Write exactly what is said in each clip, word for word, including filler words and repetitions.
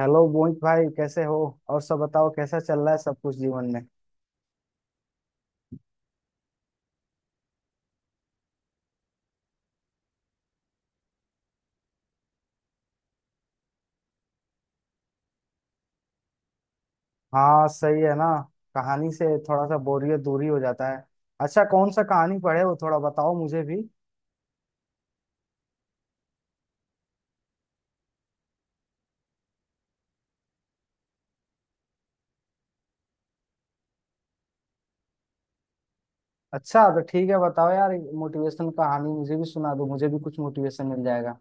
Hello Mohit भाई, कैसे हो। और सब बताओ, कैसा चल रहा है सब कुछ जीवन में। हाँ सही है ना। कहानी से थोड़ा सा बोरियत दूरी हो जाता है। अच्छा, कौन सा कहानी पढ़े हो, थोड़ा बताओ मुझे भी। अच्छा तो ठीक है, बताओ यार। मोटिवेशनल कहानी मुझे भी सुना दो, मुझे भी कुछ मोटिवेशन मिल जाएगा।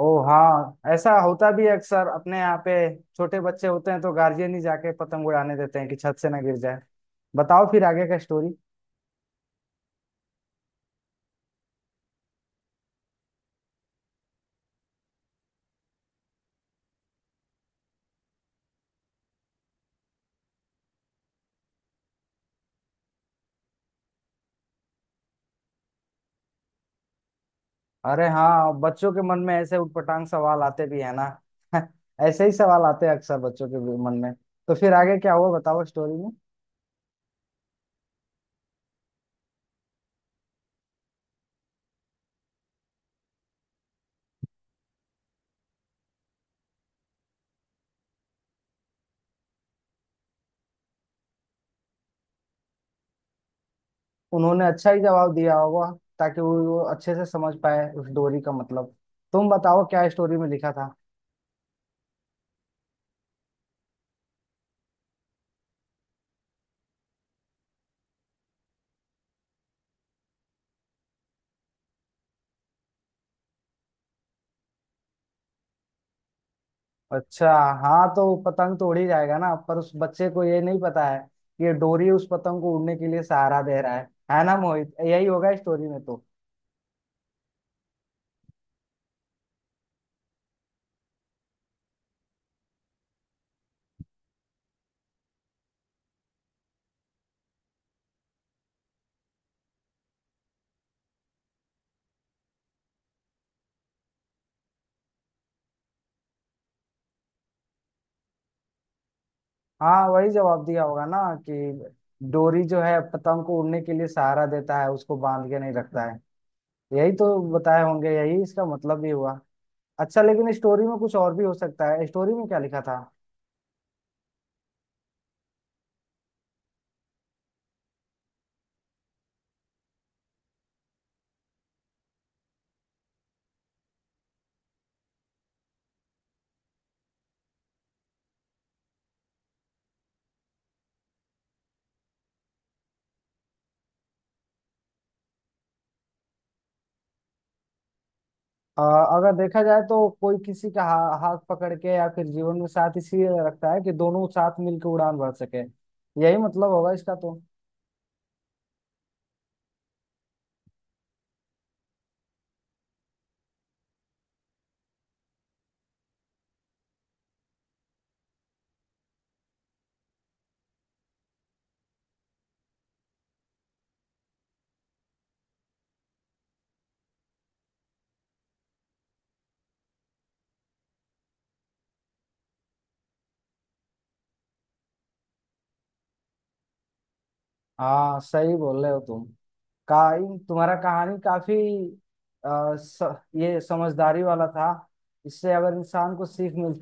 ओ हाँ, ऐसा होता भी है अक्सर अपने यहाँ पे। छोटे बच्चे होते हैं तो गार्जियन ही जाके पतंग उड़ाने देते हैं कि छत से ना गिर जाए। बताओ फिर आगे का स्टोरी। अरे हाँ, बच्चों के मन में ऐसे उटपटांग सवाल आते भी है ना। ऐसे ही सवाल आते हैं अक्सर बच्चों के भी मन में। तो फिर आगे क्या हुआ बताओ स्टोरी में। उन्होंने अच्छा ही जवाब दिया होगा, ताकि वो वो अच्छे से समझ पाए उस डोरी का मतलब। तुम बताओ क्या स्टोरी में लिखा था। अच्छा। हाँ तो पतंग तो उड़ ही जाएगा ना, पर उस बच्चे को ये नहीं पता है कि ये डोरी उस पतंग को उड़ने के लिए सहारा दे रहा है है ना मोहित, यही होगा स्टोरी में तो। हाँ वही जवाब दिया होगा ना, कि डोरी जो है पतंग को उड़ने के लिए सहारा देता है, उसको बांध के नहीं रखता है। यही तो बताए होंगे, यही इसका मतलब भी हुआ। अच्छा लेकिन स्टोरी में कुछ और भी हो सकता है, स्टोरी में क्या लिखा था। अ, अगर देखा जाए तो कोई किसी का हा, हाथ पकड़ के या फिर जीवन में साथ इसलिए रखता है कि दोनों साथ मिलकर उड़ान भर सके। यही मतलब होगा इसका तो। हाँ सही बोल रहे हो तुम। काइन तुम्हारा कहानी काफी आ, स, ये समझदारी वाला था। इससे अगर इंसान को सीख मिल।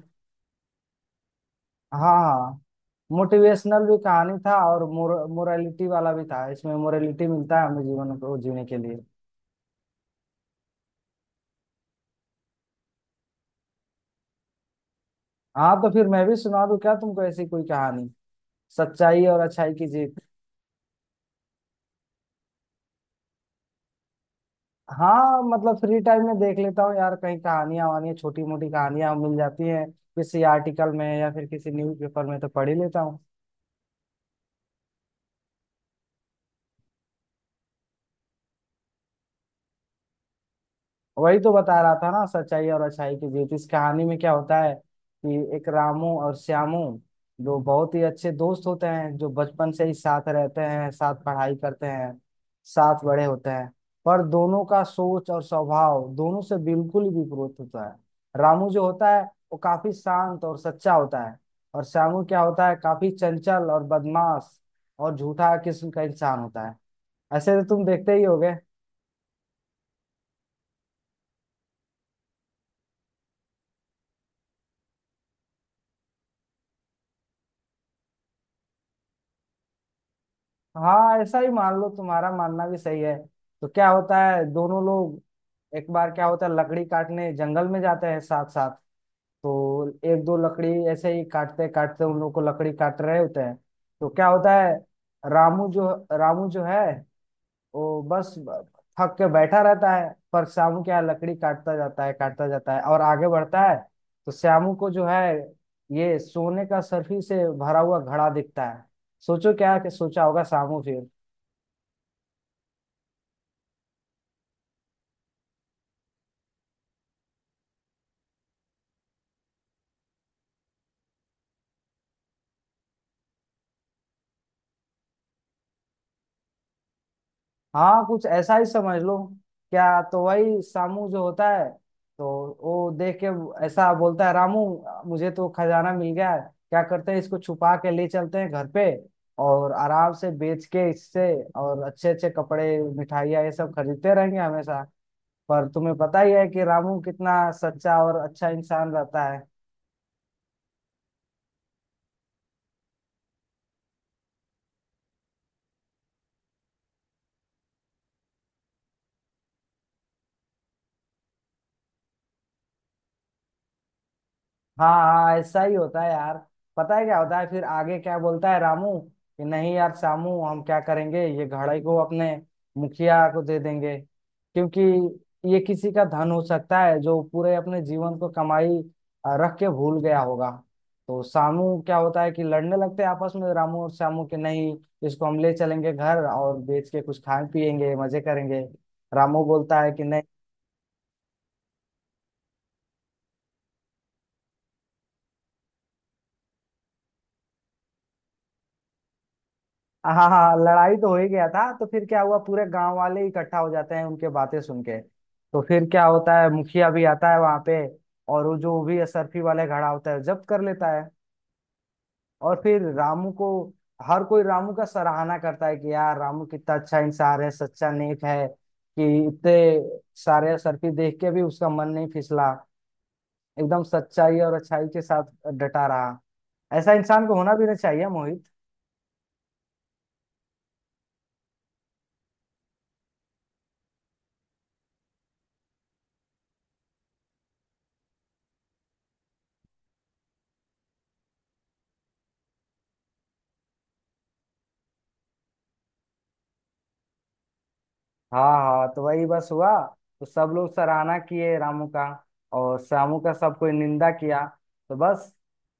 हाँ हाँ, मोटिवेशनल भी कहानी था और मोरालिटी वाला भी था, इसमें मोरालिटी मिलता है हमें जीवन को जीने के लिए। हाँ तो फिर मैं भी सुना दूं क्या तुमको ऐसी कोई कहानी। सच्चाई और अच्छाई की जीत। हाँ मतलब फ्री टाइम में देख लेता हूँ यार, कहीं कहानियां वानियां, छोटी मोटी कहानियां मिल जाती हैं किसी आर्टिकल में या फिर किसी न्यूज़पेपर में तो पढ़ ही लेता हूँ। वही तो बता रहा था ना, सच्चाई और अच्छाई की जीत। इस कहानी में क्या होता है कि एक रामू और श्यामू, जो बहुत ही अच्छे दोस्त होते हैं, जो बचपन से ही साथ रहते हैं, साथ पढ़ाई करते हैं, साथ बड़े होते हैं। पर दोनों का सोच और स्वभाव दोनों से बिल्कुल ही विपरीत होता है। रामू जो होता है, वो काफी शांत और सच्चा होता है। और श्यामू क्या होता है, काफी चंचल और बदमाश और झूठा किस्म का इंसान होता है। ऐसे तो तुम देखते ही होगे। हाँ ऐसा ही मान लो, तुम्हारा मानना भी सही है। तो क्या होता है दोनों लोग, एक बार क्या होता है लकड़ी काटने जंगल में जाते हैं साथ साथ। तो एक दो लकड़ी ऐसे ही काटते काटते उन लोग को लकड़ी काट रहे होते हैं। तो क्या होता है, रामू जो रामू जो है, वो बस थक के बैठा रहता है, पर श्यामू क्या है, लकड़ी काटता जाता है काटता जाता है और आगे बढ़ता है। तो श्यामू को जो है, ये सोने का सर्फी से भरा हुआ घड़ा दिखता है। सोचो क्या क्या सोचा होगा श्यामू फिर। हाँ कुछ ऐसा ही समझ लो। क्या तो वही सामू जो होता है, तो वो देख के ऐसा बोलता है, रामू मुझे तो खजाना मिल गया है, क्या करते हैं इसको छुपा के ले चलते हैं घर पे, और आराम से बेच के इससे और अच्छे अच्छे कपड़े मिठाइयाँ ये सब खरीदते रहेंगे हमेशा। पर तुम्हें पता ही है कि रामू कितना सच्चा और अच्छा इंसान रहता है। हाँ हाँ ऐसा ही होता है यार। पता है क्या होता है, फिर आगे क्या बोलता है रामू कि नहीं यार श्यामू, हम क्या करेंगे, ये घड़े को अपने मुखिया को दे देंगे, क्योंकि ये किसी का धन हो सकता है, जो पूरे अपने जीवन को कमाई अ, रख के भूल गया होगा। तो श्यामू क्या होता है कि लड़ने लगते हैं आपस में रामू और श्यामू के, नहीं इसको हम ले चलेंगे घर और बेच के कुछ खाएं पिएंगे मजे करेंगे। रामू बोलता है कि नहीं। हाँ हाँ हाँ, लड़ाई तो हो ही गया था। तो फिर क्या हुआ, पूरे गांव वाले इकट्ठा हो जाते हैं उनके बातें सुन के। तो फिर क्या होता है, मुखिया भी आता है वहां पे और वो जो भी असरफी वाले खड़ा होता है जब्त कर लेता है। और फिर रामू को, हर कोई रामू का सराहना करता है कि यार रामू कितना अच्छा इंसान है, सच्चा नेक है, कि इतने सारे असरफी देख के भी उसका मन नहीं फिसला। एकदम सच्चाई और अच्छाई के साथ डटा रहा। ऐसा इंसान को होना भी नहीं चाहिए मोहित। हाँ हाँ तो वही बस हुआ। तो सब लोग सराहना किए रामू का, और श्यामू का सब कोई निंदा किया। तो बस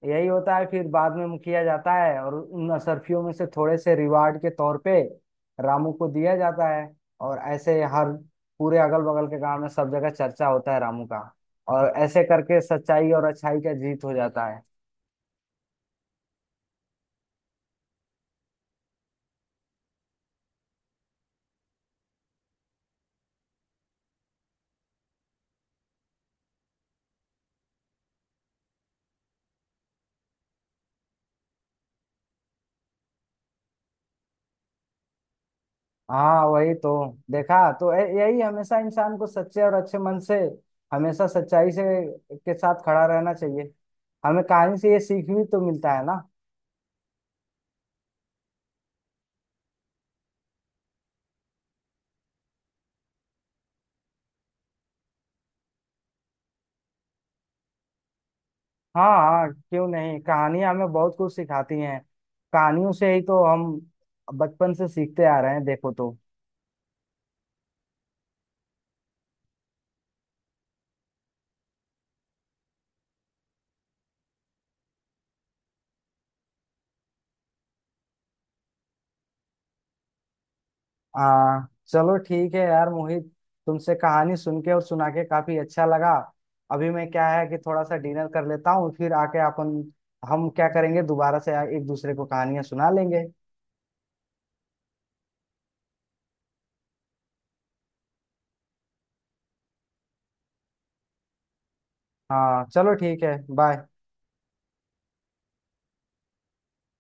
यही होता है, फिर बाद में मुखिया जाता है और उन असरफियों में से थोड़े से रिवार्ड के तौर पे रामू को दिया जाता है। और ऐसे हर पूरे अगल बगल के गांव में सब जगह चर्चा होता है रामू का, और ऐसे करके सच्चाई और अच्छाई का जीत हो जाता है। हाँ वही तो। देखा तो य- यही हमेशा इंसान को सच्चे और अच्छे मन से, हमेशा सच्चाई से के साथ खड़ा रहना चाहिए। हमें कहानी से ये सीख भी तो मिलता है ना। हाँ हाँ क्यों नहीं, कहानियां हमें बहुत कुछ सिखाती हैं। कहानियों से ही तो हम बचपन से सीखते आ रहे हैं देखो तो। हाँ चलो ठीक है यार मोहित, तुमसे कहानी सुन के और सुना के काफी अच्छा लगा। अभी मैं क्या है कि थोड़ा सा डिनर कर लेता हूँ, फिर आके अपन, हम क्या करेंगे दोबारा से एक दूसरे को कहानियां सुना लेंगे। हाँ चलो ठीक है, बाय।